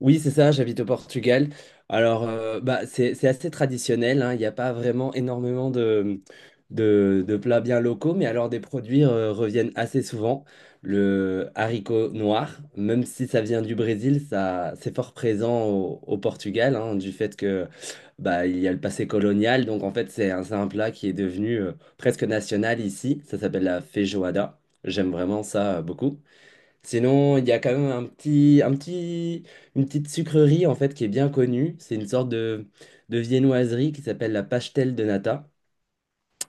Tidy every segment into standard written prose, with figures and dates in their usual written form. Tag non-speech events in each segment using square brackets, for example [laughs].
Oui, c'est ça, j'habite au Portugal. Alors, c'est assez traditionnel, hein. Il n'y a pas vraiment énormément de plats bien locaux, mais alors des produits reviennent assez souvent. Le haricot noir, même si ça vient du Brésil, ça, c'est fort présent au Portugal, hein, du fait que bah, il y a le passé colonial. Donc, en fait, c'est un plat qui est devenu presque national ici. Ça s'appelle la feijoada. J'aime vraiment ça beaucoup. Sinon, il y a quand même une petite sucrerie en fait qui est bien connue. C'est une sorte de viennoiserie qui s'appelle la pastel de nata.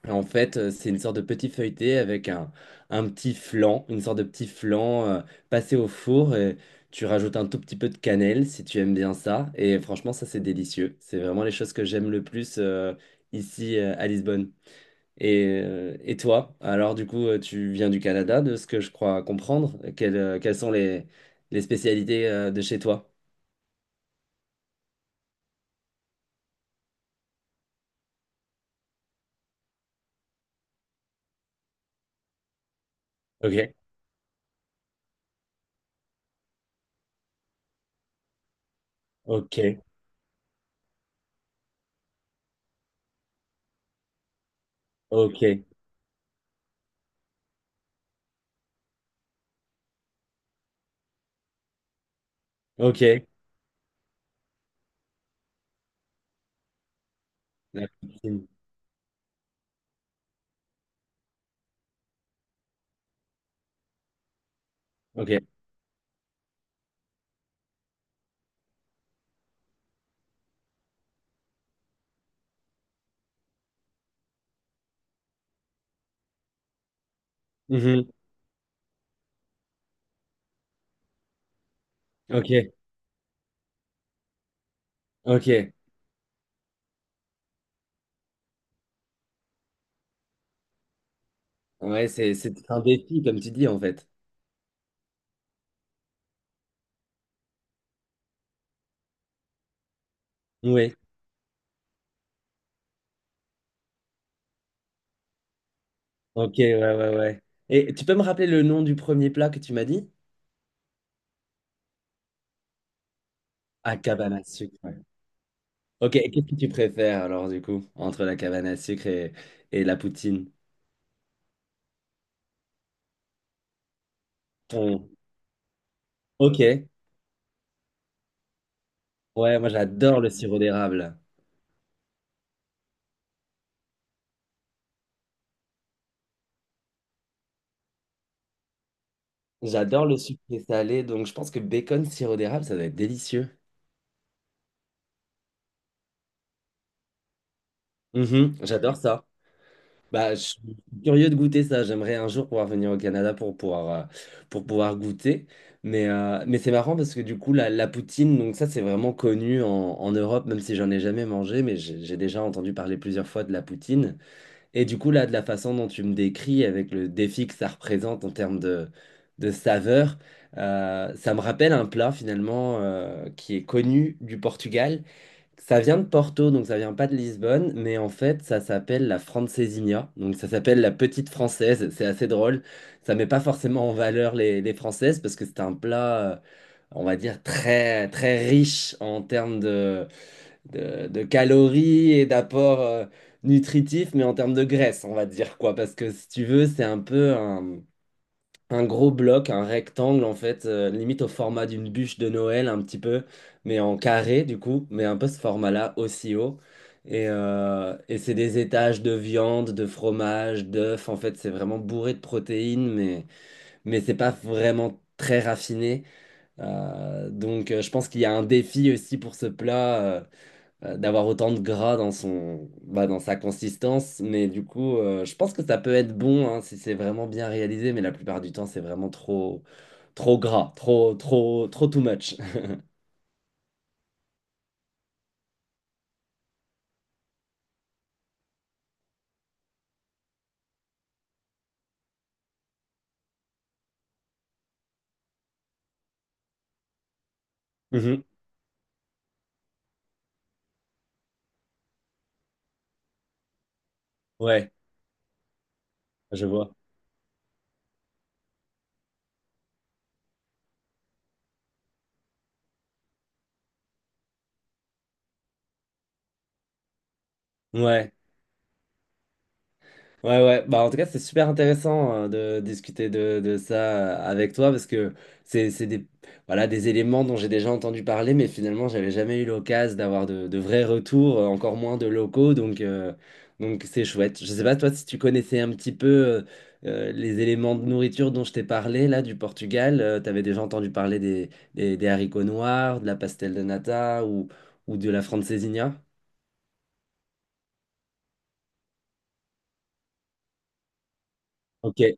En fait, c'est une sorte de petit feuilleté avec un petit flan, une sorte de petit flan passé au four. Et tu rajoutes un tout petit peu de cannelle si tu aimes bien ça. Et franchement, ça, c'est délicieux. C'est vraiment les choses que j'aime le plus ici à Lisbonne. Et toi, alors du coup, tu viens du Canada, de ce que je crois comprendre. Quelles, quelles sont les spécialités de chez toi? Ok, ok, ok, ok. La poutine. Ok. Mhm. Ok, ok. Ouais, c'est un défi, comme tu dis, en fait. Oui, ok, ouais, ouais, ouais. Et tu peux me rappeler le nom du premier plat que tu m'as dit? Ah, cabane à sucre. Ouais. Ok, et qu'est-ce que tu préfères alors, du coup, entre la cabane à sucre et la poutine? Ton- Ok. Ouais, moi j'adore le sirop d'érable. J'adore le sucré salé, donc je pense que bacon, sirop d'érable, ça doit être délicieux. Mhm, j'adore ça. Bah, je suis curieux de goûter ça. J'aimerais un jour pouvoir venir au Canada pour pouvoir goûter. Mais c'est marrant parce que du coup, la poutine, donc ça, c'est vraiment connu en, en Europe, même si j'en ai jamais mangé, mais j'ai déjà entendu parler plusieurs fois de la poutine. Et du coup, là, de la façon dont tu me décris, avec le défi que ça représente en termes de saveur, ça me rappelle un plat finalement qui est connu du Portugal. Ça vient de Porto, donc ça vient pas de Lisbonne, mais en fait, ça s'appelle la francesinha. Donc ça s'appelle la petite française. C'est assez drôle. Ça met pas forcément en valeur les françaises parce que c'est un plat, on va dire, très, très riche en termes de calories et d'apport nutritif, mais en termes de graisse, on va dire quoi. Parce que si tu veux, c'est un peu un gros bloc, un rectangle en fait, limite au format d'une bûche de Noël, un petit peu, mais en carré du coup, mais un peu ce format-là aussi haut. Et c'est des étages de viande, de fromage, d'œufs. En fait, c'est vraiment bourré de protéines, mais c'est pas vraiment très raffiné. Donc, je pense qu'il y a un défi aussi pour ce plat. D'avoir autant de gras dans son, bah, dans sa consistance. Mais du coup, je pense que ça peut être bon hein, si c'est vraiment bien réalisé, mais la plupart du temps, c'est vraiment trop, trop gras, trop, trop, trop too much. [laughs] Mhm. Ouais, je vois. Ouais. Ouais, ouais. Bah, en tout cas, c'est super intéressant de discuter de ça avec toi parce que c'est des, voilà, des éléments dont j'ai déjà entendu parler, mais finalement, j'avais jamais eu l'occasion d'avoir de vrais retours, encore moins de locaux. Donc c'est chouette. Je sais pas, toi, si tu connaissais un petit peu les éléments de nourriture dont je t'ai parlé, là, du Portugal, t'avais déjà entendu parler des haricots noirs, de la pastel de nata ou de la francesinha? Ok.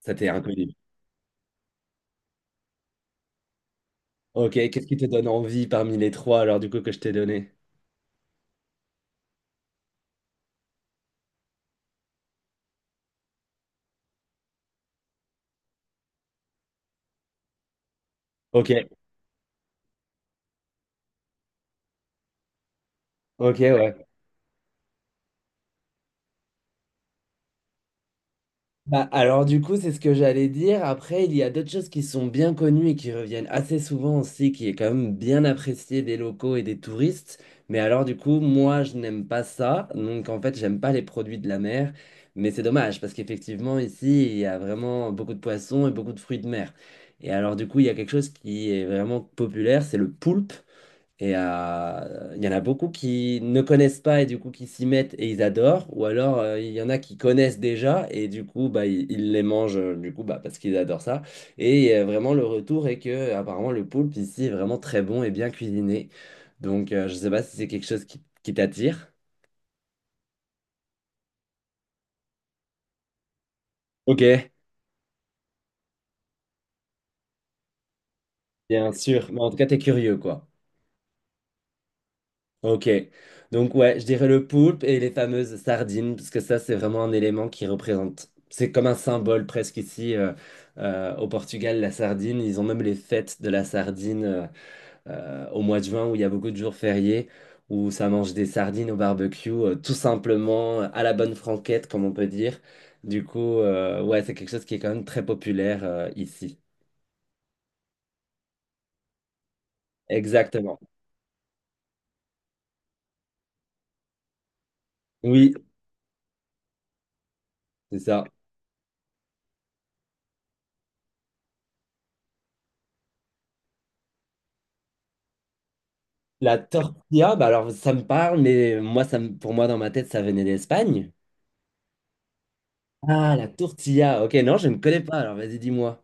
Ça t'est inconnu. Ok, qu'est-ce qui te donne envie parmi les trois alors du coup que je t'ai donné? Ok, ok, ouais. Bah, alors du coup, c'est ce que j'allais dire. Après, il y a d'autres choses qui sont bien connues et qui reviennent assez souvent aussi, qui est quand même bien appréciée des locaux et des touristes. Mais alors du coup, moi, je n'aime pas ça. Donc en fait, j'aime pas les produits de la mer. Mais c'est dommage parce qu'effectivement, ici, il y a vraiment beaucoup de poissons et beaucoup de fruits de mer. Et alors du coup, il y a quelque chose qui est vraiment populaire, c'est le poulpe. Et il y en a beaucoup qui ne connaissent pas et du coup qui s'y mettent et ils adorent. Ou alors il y en a qui connaissent déjà et du coup bah, ils les mangent du coup bah, parce qu'ils adorent ça. Et vraiment le retour est que apparemment le poulpe ici est vraiment très bon et bien cuisiné. Donc je sais pas si c'est quelque chose qui t'attire. Ok. Bien sûr. Mais en tout cas, t'es curieux quoi. Ok. Donc ouais, je dirais le poulpe et les fameuses sardines, parce que ça, c'est vraiment un élément qui représente, c'est comme un symbole presque ici au Portugal, la sardine. Ils ont même les fêtes de la sardine au mois de juin, où il y a beaucoup de jours fériés, où ça mange des sardines au barbecue, tout simplement à la bonne franquette, comme on peut dire. Du coup, ouais, c'est quelque chose qui est quand même très populaire ici. Exactement. Oui, c'est ça. La tortilla, bah alors ça me parle, mais moi, pour moi, dans ma tête, ça venait d'Espagne. Ah, la tortilla. Ok, non, je ne connais pas. Alors, vas-y, dis-moi.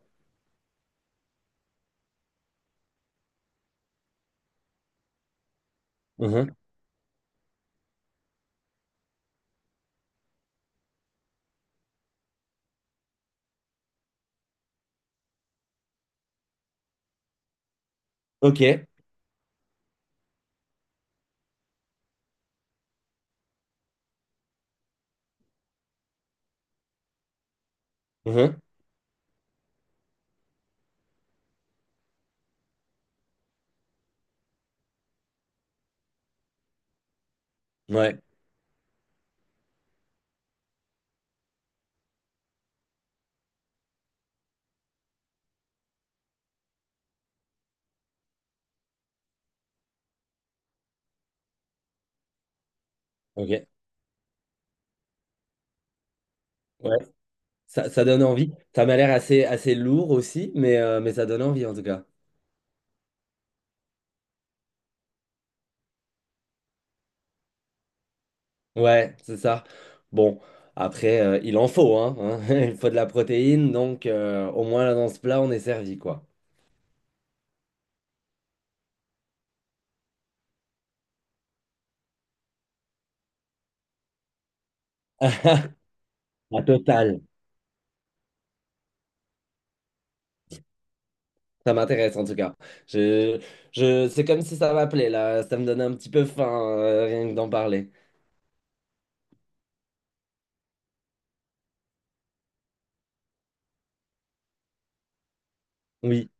Mhm. Ok. Mhm. Ouais. Ok. Ouais. Ça donne envie. Ça m'a l'air assez, assez lourd aussi, mais ça donne envie en tout cas. Ouais, c'est ça. Bon, après, il en faut, hein, hein. [laughs] Il faut de la protéine, donc au moins là dans ce plat, on est servi, quoi. [laughs] La totale. Ça m'intéresse en tout cas. Je, je, c'est comme si ça m'appelait là. Ça me donne un petit peu faim, rien que d'en parler. Oui,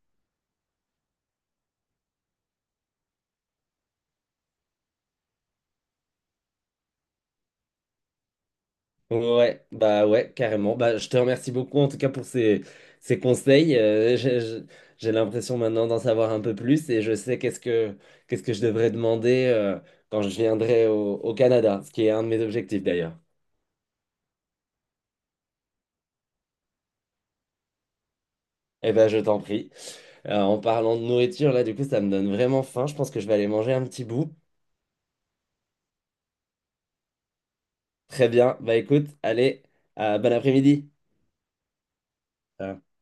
ouais, bah ouais, carrément. Bah, je te remercie beaucoup en tout cas pour ces, ces conseils. J'ai l'impression maintenant d'en savoir un peu plus et je sais qu'est-ce que je devrais demander quand je viendrai au Canada, ce qui est un de mes objectifs d'ailleurs. Eh ben, je t'en prie. En parlant de nourriture, là, du coup, ça me donne vraiment faim. Je pense que je vais aller manger un petit bout. Très bien. Bah écoute, allez, bon après-midi. Ciao.